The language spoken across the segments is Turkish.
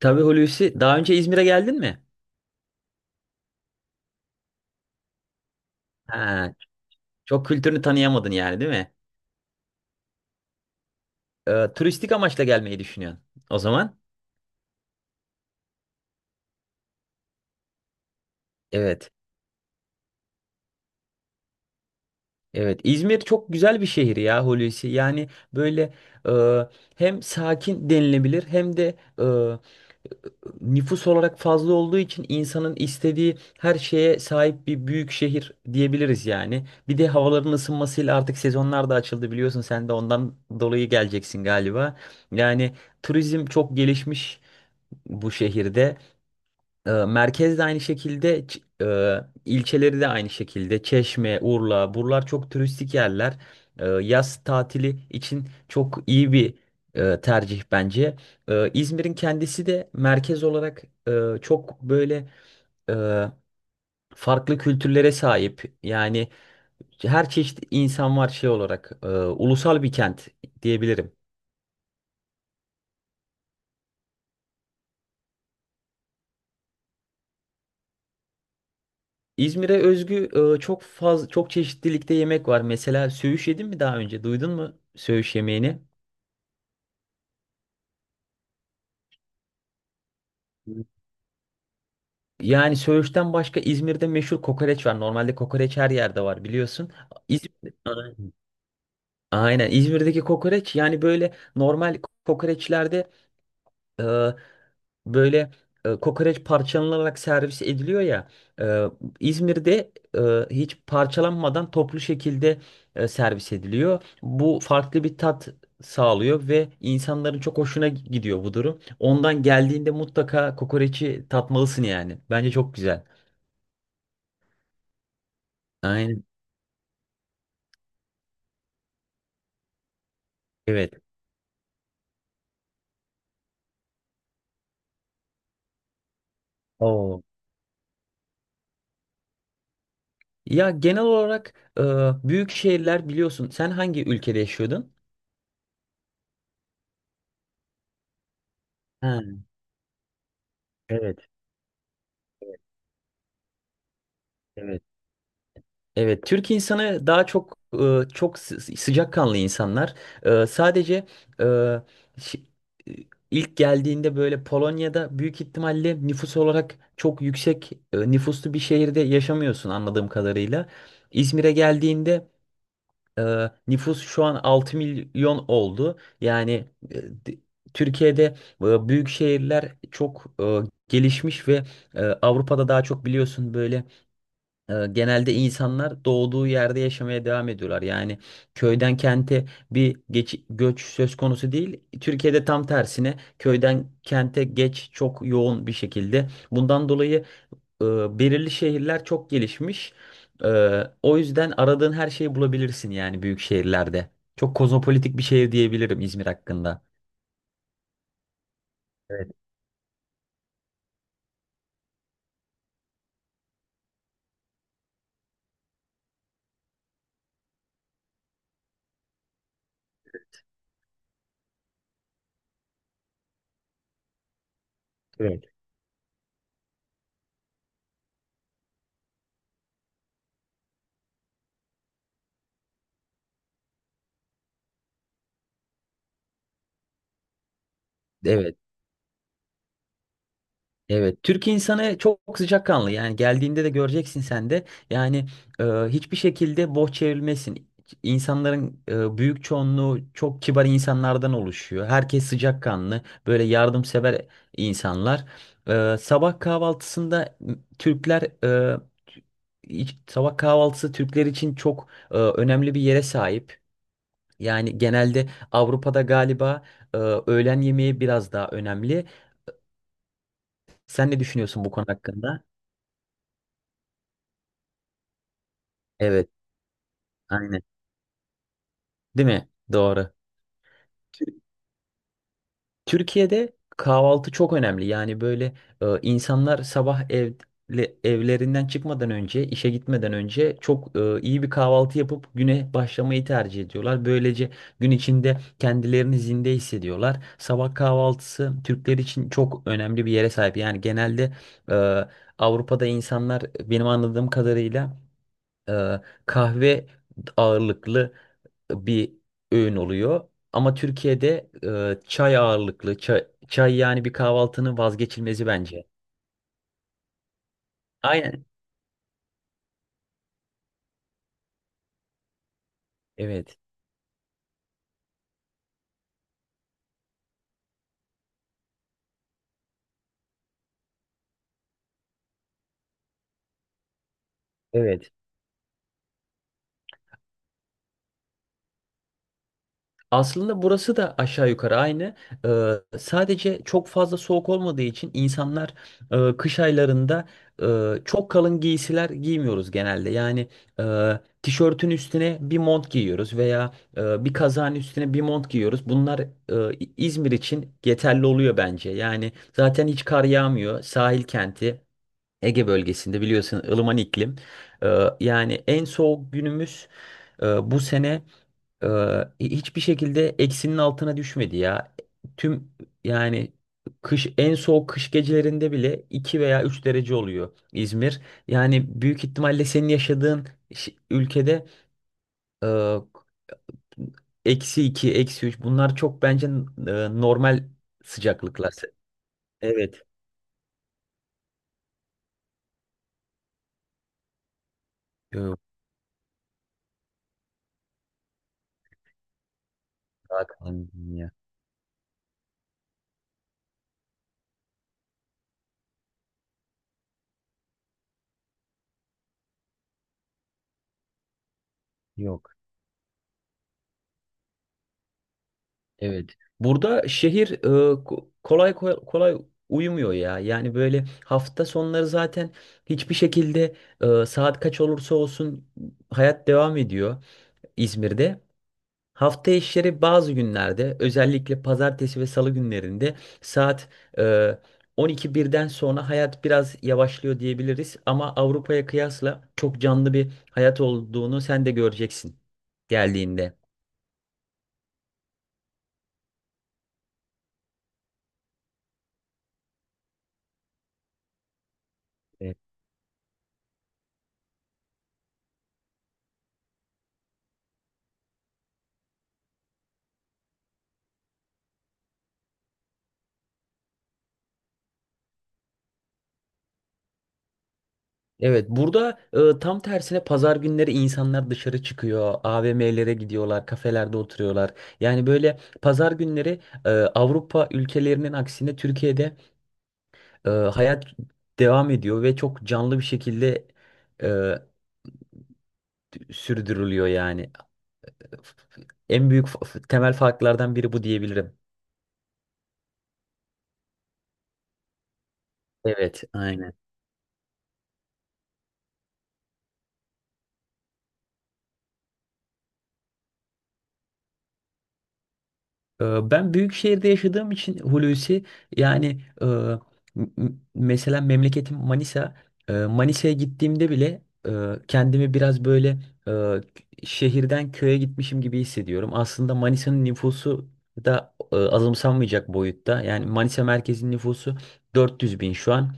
Tabii Hulusi, daha önce İzmir'e geldin mi? Ha, çok kültürünü tanıyamadın yani, değil mi? Turistik amaçla gelmeyi düşünüyorsun o zaman. Evet. Evet. İzmir çok güzel bir şehir ya, Hulusi. Yani böyle e, hem sakin denilebilir hem de nüfus olarak fazla olduğu için insanın istediği her şeye sahip bir büyük şehir diyebiliriz yani. Bir de havaların ısınmasıyla artık sezonlar da açıldı, biliyorsun, sen de ondan dolayı geleceksin galiba. Yani turizm çok gelişmiş bu şehirde. Merkez de aynı şekilde, ilçeleri de aynı şekilde. Çeşme, Urla, buralar çok turistik yerler. Yaz tatili için çok iyi bir tercih bence. İzmir'in kendisi de merkez olarak çok böyle e, farklı kültürlere sahip. Yani her çeşit insan var şey olarak. Ulusal bir kent diyebilirim. İzmir'e özgü çok fazla çok çeşitlilikte yemek var. Mesela söğüş yedin mi daha önce? Duydun mu söğüş yemeğini? Yani söğüşten başka İzmir'de meşhur kokoreç var. Normalde kokoreç her yerde var, biliyorsun. İzmir, aynen, İzmir'deki kokoreç yani böyle normal kokoreçlerde e, böyle kokoreç parçalanarak servis ediliyor ya. e, İzmir'de hiç parçalanmadan toplu şekilde servis ediliyor. Bu farklı bir tat sağlıyor ve insanların çok hoşuna gidiyor bu durum. Ondan geldiğinde mutlaka kokoreçi tatmalısın yani. Bence çok güzel. Aynen. Evet. Oo. Ya, genel olarak büyük şehirler, biliyorsun. Sen hangi ülkede yaşıyordun? Ha, evet, evet. Evet, Türk insanı daha çok çok sıcakkanlı insanlar. Sadece e, şi- e, ilk geldiğinde böyle Polonya'da büyük ihtimalle nüfus olarak çok yüksek nüfuslu bir şehirde yaşamıyorsun anladığım kadarıyla. İzmir'e geldiğinde nüfus şu an 6 milyon oldu. Yani e, d- Türkiye'de büyük şehirler çok gelişmiş ve Avrupa'da daha çok, biliyorsun, böyle genelde insanlar doğduğu yerde yaşamaya devam ediyorlar. Yani köyden kente bir göç söz konusu değil. Türkiye'de tam tersine köyden kente geç çok yoğun bir şekilde. Bundan dolayı e, belirli şehirler çok gelişmiş. E, o yüzden aradığın her şeyi bulabilirsin yani, büyük şehirlerde. Çok kozmopolitik bir şehir diyebilirim İzmir hakkında. Evet, evet. Evet. Evet, Türk insanı çok sıcakkanlı. Yani geldiğinde de göreceksin sen de. Yani hiçbir şekilde boş çevrilmesin. İnsanların büyük çoğunluğu çok kibar insanlardan oluşuyor. Herkes sıcakkanlı, böyle yardımsever insanlar. Sabah kahvaltısında Türkler, e, sabah kahvaltısı Türkler için çok önemli bir yere sahip. Yani genelde Avrupa'da galiba öğlen yemeği biraz daha önemli. Sen ne düşünüyorsun bu konu hakkında? Evet, aynen. Değil mi? Doğru. Tür- Türkiye'de kahvaltı çok önemli. Yani böyle insanlar sabah evlerinden çıkmadan önce, işe gitmeden önce çok iyi bir kahvaltı yapıp güne başlamayı tercih ediyorlar. Böylece gün içinde kendilerini zinde hissediyorlar. Sabah kahvaltısı Türkler için çok önemli bir yere sahip. Yani genelde e, Avrupa'da insanlar, benim anladığım kadarıyla, e, kahve ağırlıklı bir öğün oluyor. Ama Türkiye'de çay ağırlıklı. Çay yani bir kahvaltının vazgeçilmezi bence. Aynen. Evet. Evet. Aslında burası da aşağı yukarı aynı. Ee, sadece çok fazla soğuk olmadığı için insanlar kış aylarında çok kalın giysiler giymiyoruz genelde. Yani e, tişörtün üstüne bir mont giyiyoruz veya bir kazağın üstüne bir mont giyiyoruz. Bunlar İzmir için yeterli oluyor bence. Yani zaten hiç kar yağmıyor. Sahil kenti, Ege bölgesinde, biliyorsun, ılıman iklim. Yani en soğuk günümüz bu sene hiçbir şekilde eksinin altına düşmedi ya. Tüm yani kış, en soğuk kış gecelerinde bile, 2 veya 3 derece oluyor İzmir. Yani büyük ihtimalle senin yaşadığın ülkede e, eksi 2, eksi üç, bunlar çok bence e, normal sıcaklıklar. Evet. Yok, daha kalın ya. Yok. Evet. Burada şehir kolay kolay uyumuyor ya. Yani böyle hafta sonları zaten hiçbir şekilde saat kaç olursa olsun hayat devam ediyor İzmir'de. Hafta işleri bazı günlerde, özellikle pazartesi ve salı günlerinde, saat e, 12 birden sonra hayat biraz yavaşlıyor diyebiliriz. Ama Avrupa'ya kıyasla çok canlı bir hayat olduğunu sen de göreceksin geldiğinde. Evet, burada tam tersine pazar günleri insanlar dışarı çıkıyor, AVM'lere gidiyorlar, kafelerde oturuyorlar. Yani böyle pazar günleri Avrupa ülkelerinin aksine Türkiye'de hayat devam ediyor ve çok canlı bir şekilde e, sürdürülüyor yani. En büyük temel farklardan biri bu diyebilirim. Evet, aynen. Ben büyük şehirde yaşadığım için Hulusi, yani m- mesela memleketim Manisa. Manisa'ya gittiğimde bile e, kendimi biraz böyle şehirden köye gitmişim gibi hissediyorum. Aslında Manisa'nın nüfusu da azımsanmayacak boyutta. Yani Manisa merkezin nüfusu 400 bin şu an.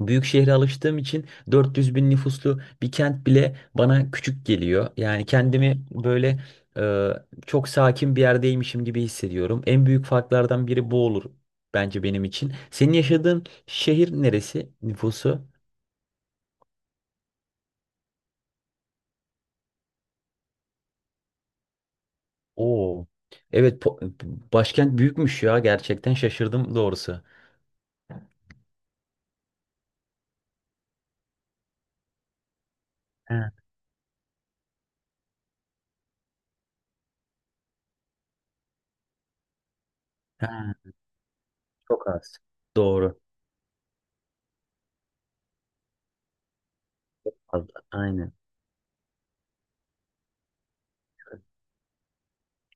Büyük şehre alıştığım için 400 bin nüfuslu bir kent bile bana küçük geliyor. Yani kendimi böyle e, çok sakin bir yerdeymişim gibi hissediyorum. En büyük farklardan biri bu olur bence, benim için. Senin yaşadığın şehir neresi, nüfusu? Oo. Evet, başkent büyükmüş ya, gerçekten şaşırdım doğrusu. He, he, çok az. Doğru. Aynen.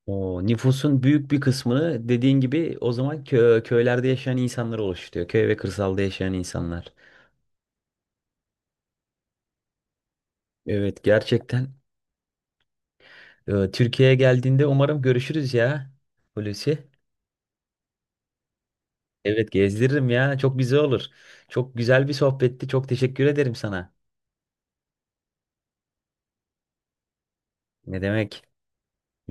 O nüfusun büyük bir kısmını, dediğin gibi, o zaman köylerde yaşayan insanlar oluşturuyor. Köy ve kırsalda yaşayan insanlar. Evet, gerçekten Türkiye'ye geldiğinde umarım görüşürüz ya, Hulusi. Evet, gezdiririm ya, çok güzel olur. Çok güzel bir sohbetti. Çok teşekkür ederim sana. Ne demek?